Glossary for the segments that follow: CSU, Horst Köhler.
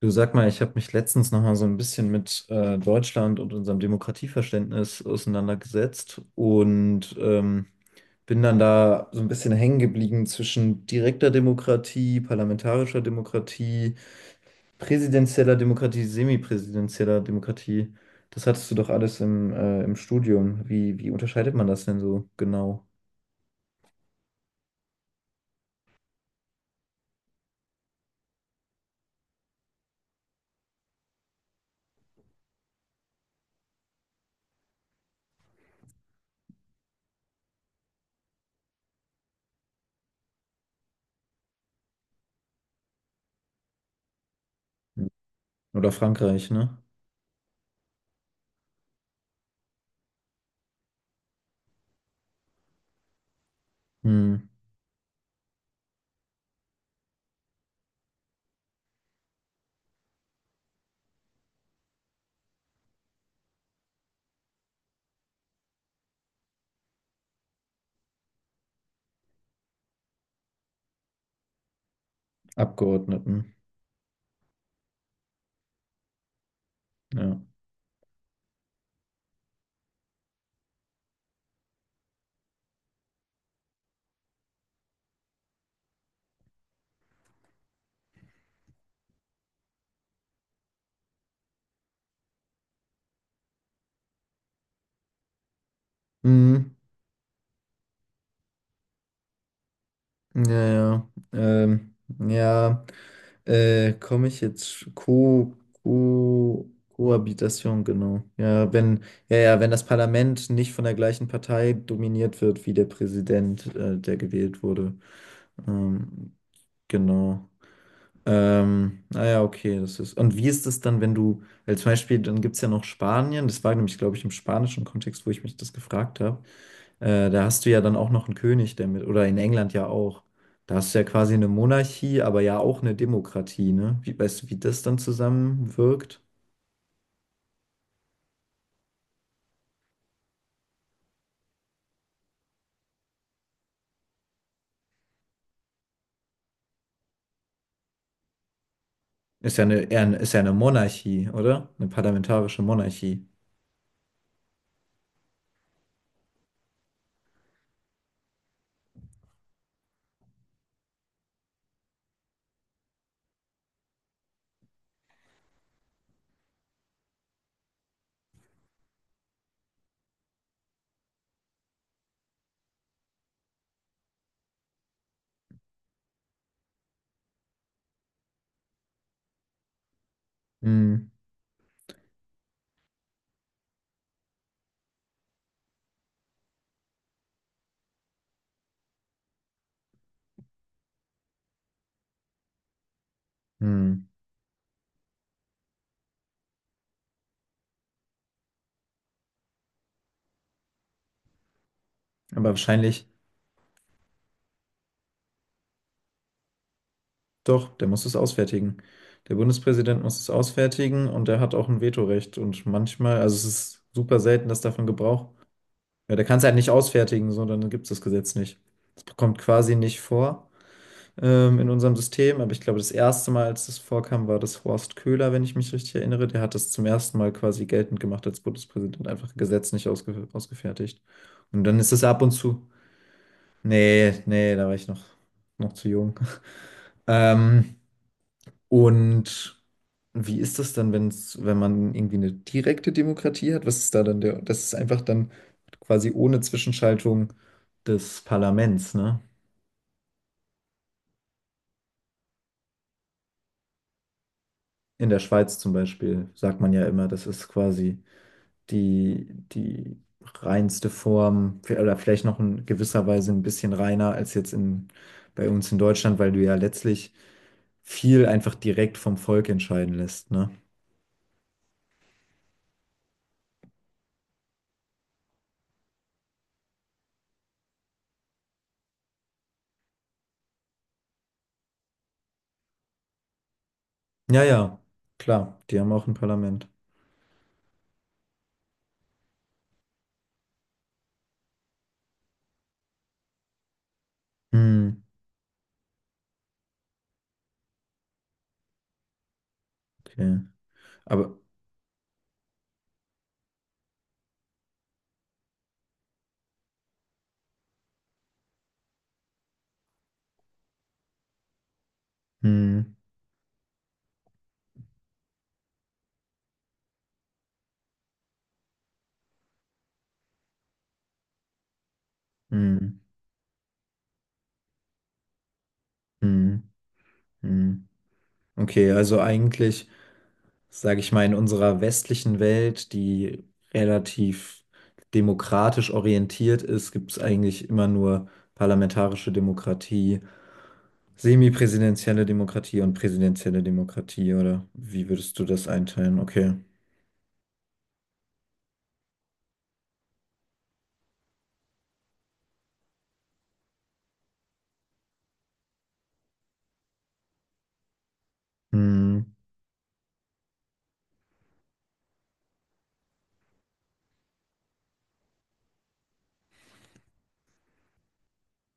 Du sag mal, ich habe mich letztens noch mal so ein bisschen mit Deutschland und unserem Demokratieverständnis auseinandergesetzt und bin dann da so ein bisschen hängen geblieben zwischen direkter Demokratie, parlamentarischer Demokratie, präsidentieller Demokratie, semipräsidentieller Demokratie. Das hattest du doch alles im Studium. Wie unterscheidet man das denn so genau? Hm. Oder Frankreich, ne? Hm. Abgeordneten, ja. Hm. Ja, ja. Ja, komme ich jetzt Co Co Kohabitation, genau. Ja, ja, wenn das Parlament nicht von der gleichen Partei dominiert wird wie der Präsident, der gewählt wurde. Ähm, genau. Naja, okay, das ist. Und wie ist es dann, wenn du, weil zum Beispiel, dann gibt es ja noch Spanien, das war nämlich, glaube ich, im spanischen Kontext, wo ich mich das gefragt habe. Da hast du ja dann auch noch einen König, der mit, oder in England ja auch. Da hast du ja quasi eine Monarchie, aber ja auch eine Demokratie, ne? Wie, weißt du, wie das dann zusammenwirkt? Ist ja eine, eher, ist ja eine Monarchie, oder? Eine parlamentarische Monarchie. Hm, hm. Aber wahrscheinlich, doch, der muss es ausfertigen. Der Bundespräsident muss es ausfertigen und der hat auch ein Vetorecht. Und manchmal, also es ist super selten, dass davon Gebrauch. Ja, der kann es halt nicht ausfertigen, so, dann gibt es das Gesetz nicht. Das kommt quasi nicht vor. In unserem System. Aber ich glaube, das erste Mal, als das vorkam, war das Horst Köhler, wenn ich mich richtig erinnere. Der hat das zum ersten Mal quasi geltend gemacht als Bundespräsident und einfach ein Gesetz nicht ausgefertigt. Und dann ist es ab und zu. Da war ich noch, noch zu jung. Ähm, und wie ist das dann, wenn's, wenn man irgendwie eine direkte Demokratie hat? Was ist da dann der? Das ist einfach dann quasi ohne Zwischenschaltung des Parlaments, ne? In der Schweiz zum Beispiel sagt man ja immer, das ist quasi die, die reinste Form oder vielleicht noch in gewisser Weise ein bisschen reiner als jetzt bei uns in Deutschland, weil du ja letztlich viel einfach direkt vom Volk entscheiden lässt, ne? Ja, ja, klar, die haben auch ein Parlament. Hm, okay. Aber, hm, hm, hm, hm. Okay, also eigentlich. Sage ich mal, in unserer westlichen Welt, die relativ demokratisch orientiert ist, gibt es eigentlich immer nur parlamentarische Demokratie, semipräsidentielle Demokratie und präsidentielle Demokratie, oder wie würdest du das einteilen? Okay. Hm.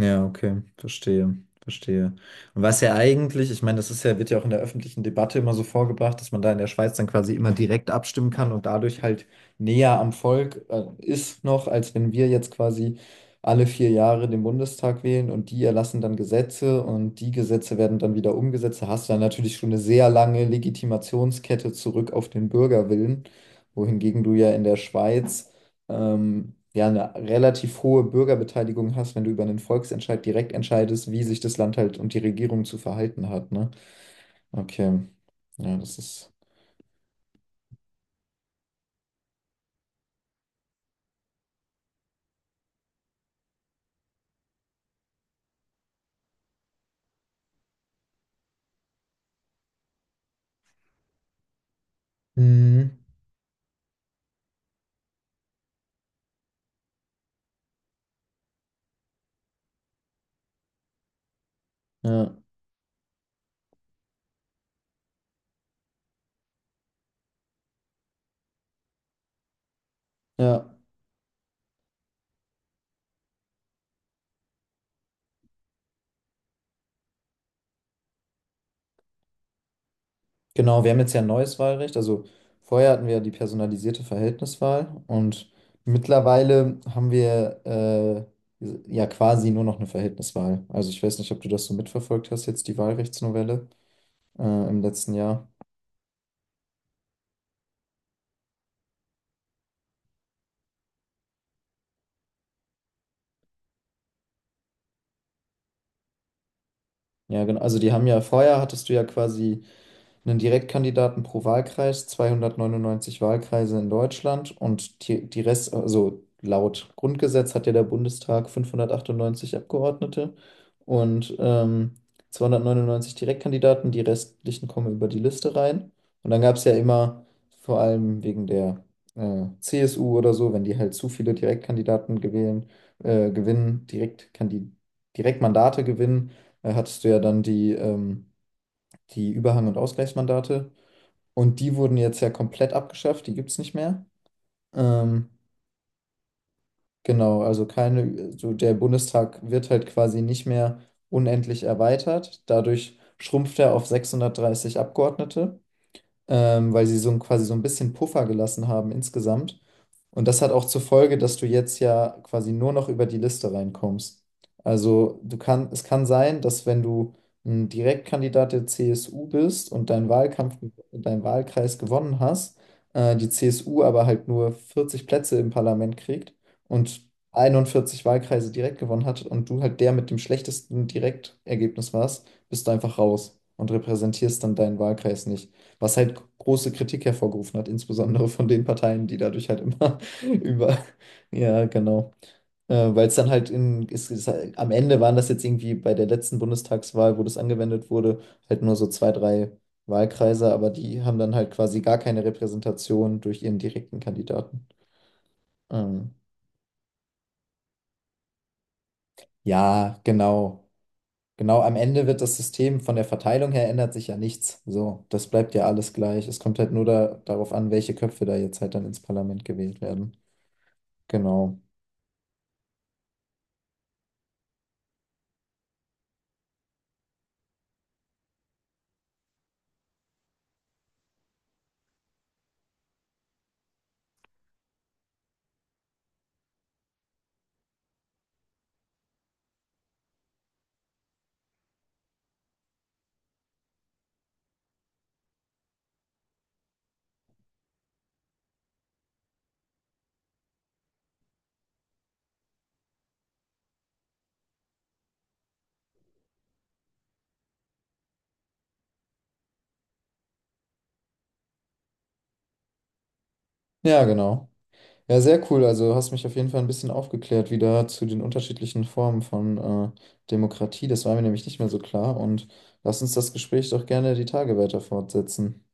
Ja, okay, verstehe, verstehe. Und was ja eigentlich, ich meine, das ist ja, wird ja auch in der öffentlichen Debatte immer so vorgebracht, dass man da in der Schweiz dann quasi immer direkt abstimmen kann und dadurch halt näher am Volk, ist noch, als wenn wir jetzt quasi alle vier Jahre den Bundestag wählen und die erlassen dann Gesetze und die Gesetze werden dann wieder umgesetzt. Da hast du dann natürlich schon eine sehr lange Legitimationskette zurück auf den Bürgerwillen, wohingegen du ja in der Schweiz ja, eine relativ hohe Bürgerbeteiligung hast, wenn du über einen Volksentscheid direkt entscheidest, wie sich das Land halt und die Regierung zu verhalten hat, ne? Okay. Ja, das ist. Mhm. Ja, ja. Genau, wir haben jetzt ja ein neues Wahlrecht. Also vorher hatten wir ja die personalisierte Verhältniswahl und mittlerweile haben wir ja quasi nur noch eine Verhältniswahl. Also ich weiß nicht, ob du das so mitverfolgt hast, jetzt die Wahlrechtsnovelle äh, im letzten Jahr. Ja, genau. Also die haben ja, vorher hattest du ja quasi einen Direktkandidaten pro Wahlkreis, 299 Wahlkreise in Deutschland und die Rest, also laut Grundgesetz hat ja der Bundestag 598 Abgeordnete und 299 Direktkandidaten, die restlichen kommen über die Liste rein. Und dann gab es ja immer, vor allem wegen der CSU oder so, wenn die halt zu viele Direktkandidaten gewählen, gewinnen, Direktkandi Direktmandate gewinnen, hattest du ja dann die die Überhang- und Ausgleichsmandate. Und die wurden jetzt ja komplett abgeschafft, die gibt es nicht mehr. Ähm, genau, also keine, so der Bundestag wird halt quasi nicht mehr unendlich erweitert. Dadurch schrumpft er auf 630 Abgeordnete weil sie so ein, quasi so ein bisschen Puffer gelassen haben insgesamt. Und das hat auch zur Folge, dass du jetzt ja quasi nur noch über die Liste reinkommst. Also du kann, es kann sein, dass wenn du ein Direktkandidat der CSU bist und deinen Wahlkampf, deinen Wahlkreis gewonnen hast, die CSU aber halt nur 40 Plätze im Parlament kriegt und 41 Wahlkreise direkt gewonnen hat und du halt der mit dem schlechtesten Direktergebnis warst, bist du einfach raus und repräsentierst dann deinen Wahlkreis nicht, was halt große Kritik hervorgerufen hat, insbesondere von den Parteien, die dadurch halt immer über, ja, genau. Weil es dann halt in, es ist, halt- am Ende waren das jetzt irgendwie bei der letzten Bundestagswahl, wo das angewendet wurde, halt nur so zwei, drei Wahlkreise, aber die haben dann halt quasi gar keine Repräsentation durch ihren direkten Kandidaten. Ähm, ja, genau. Genau, am Ende wird das System von der Verteilung her ändert sich ja nichts. So, das bleibt ja alles gleich. Es kommt halt nur da, darauf an, welche Köpfe da jetzt halt dann ins Parlament gewählt werden. Genau. Ja, genau. Ja, sehr cool. Also hast mich auf jeden Fall ein bisschen aufgeklärt wieder zu den unterschiedlichen Formen von Demokratie. Das war mir nämlich nicht mehr so klar. Und lass uns das Gespräch doch gerne die Tage weiter fortsetzen.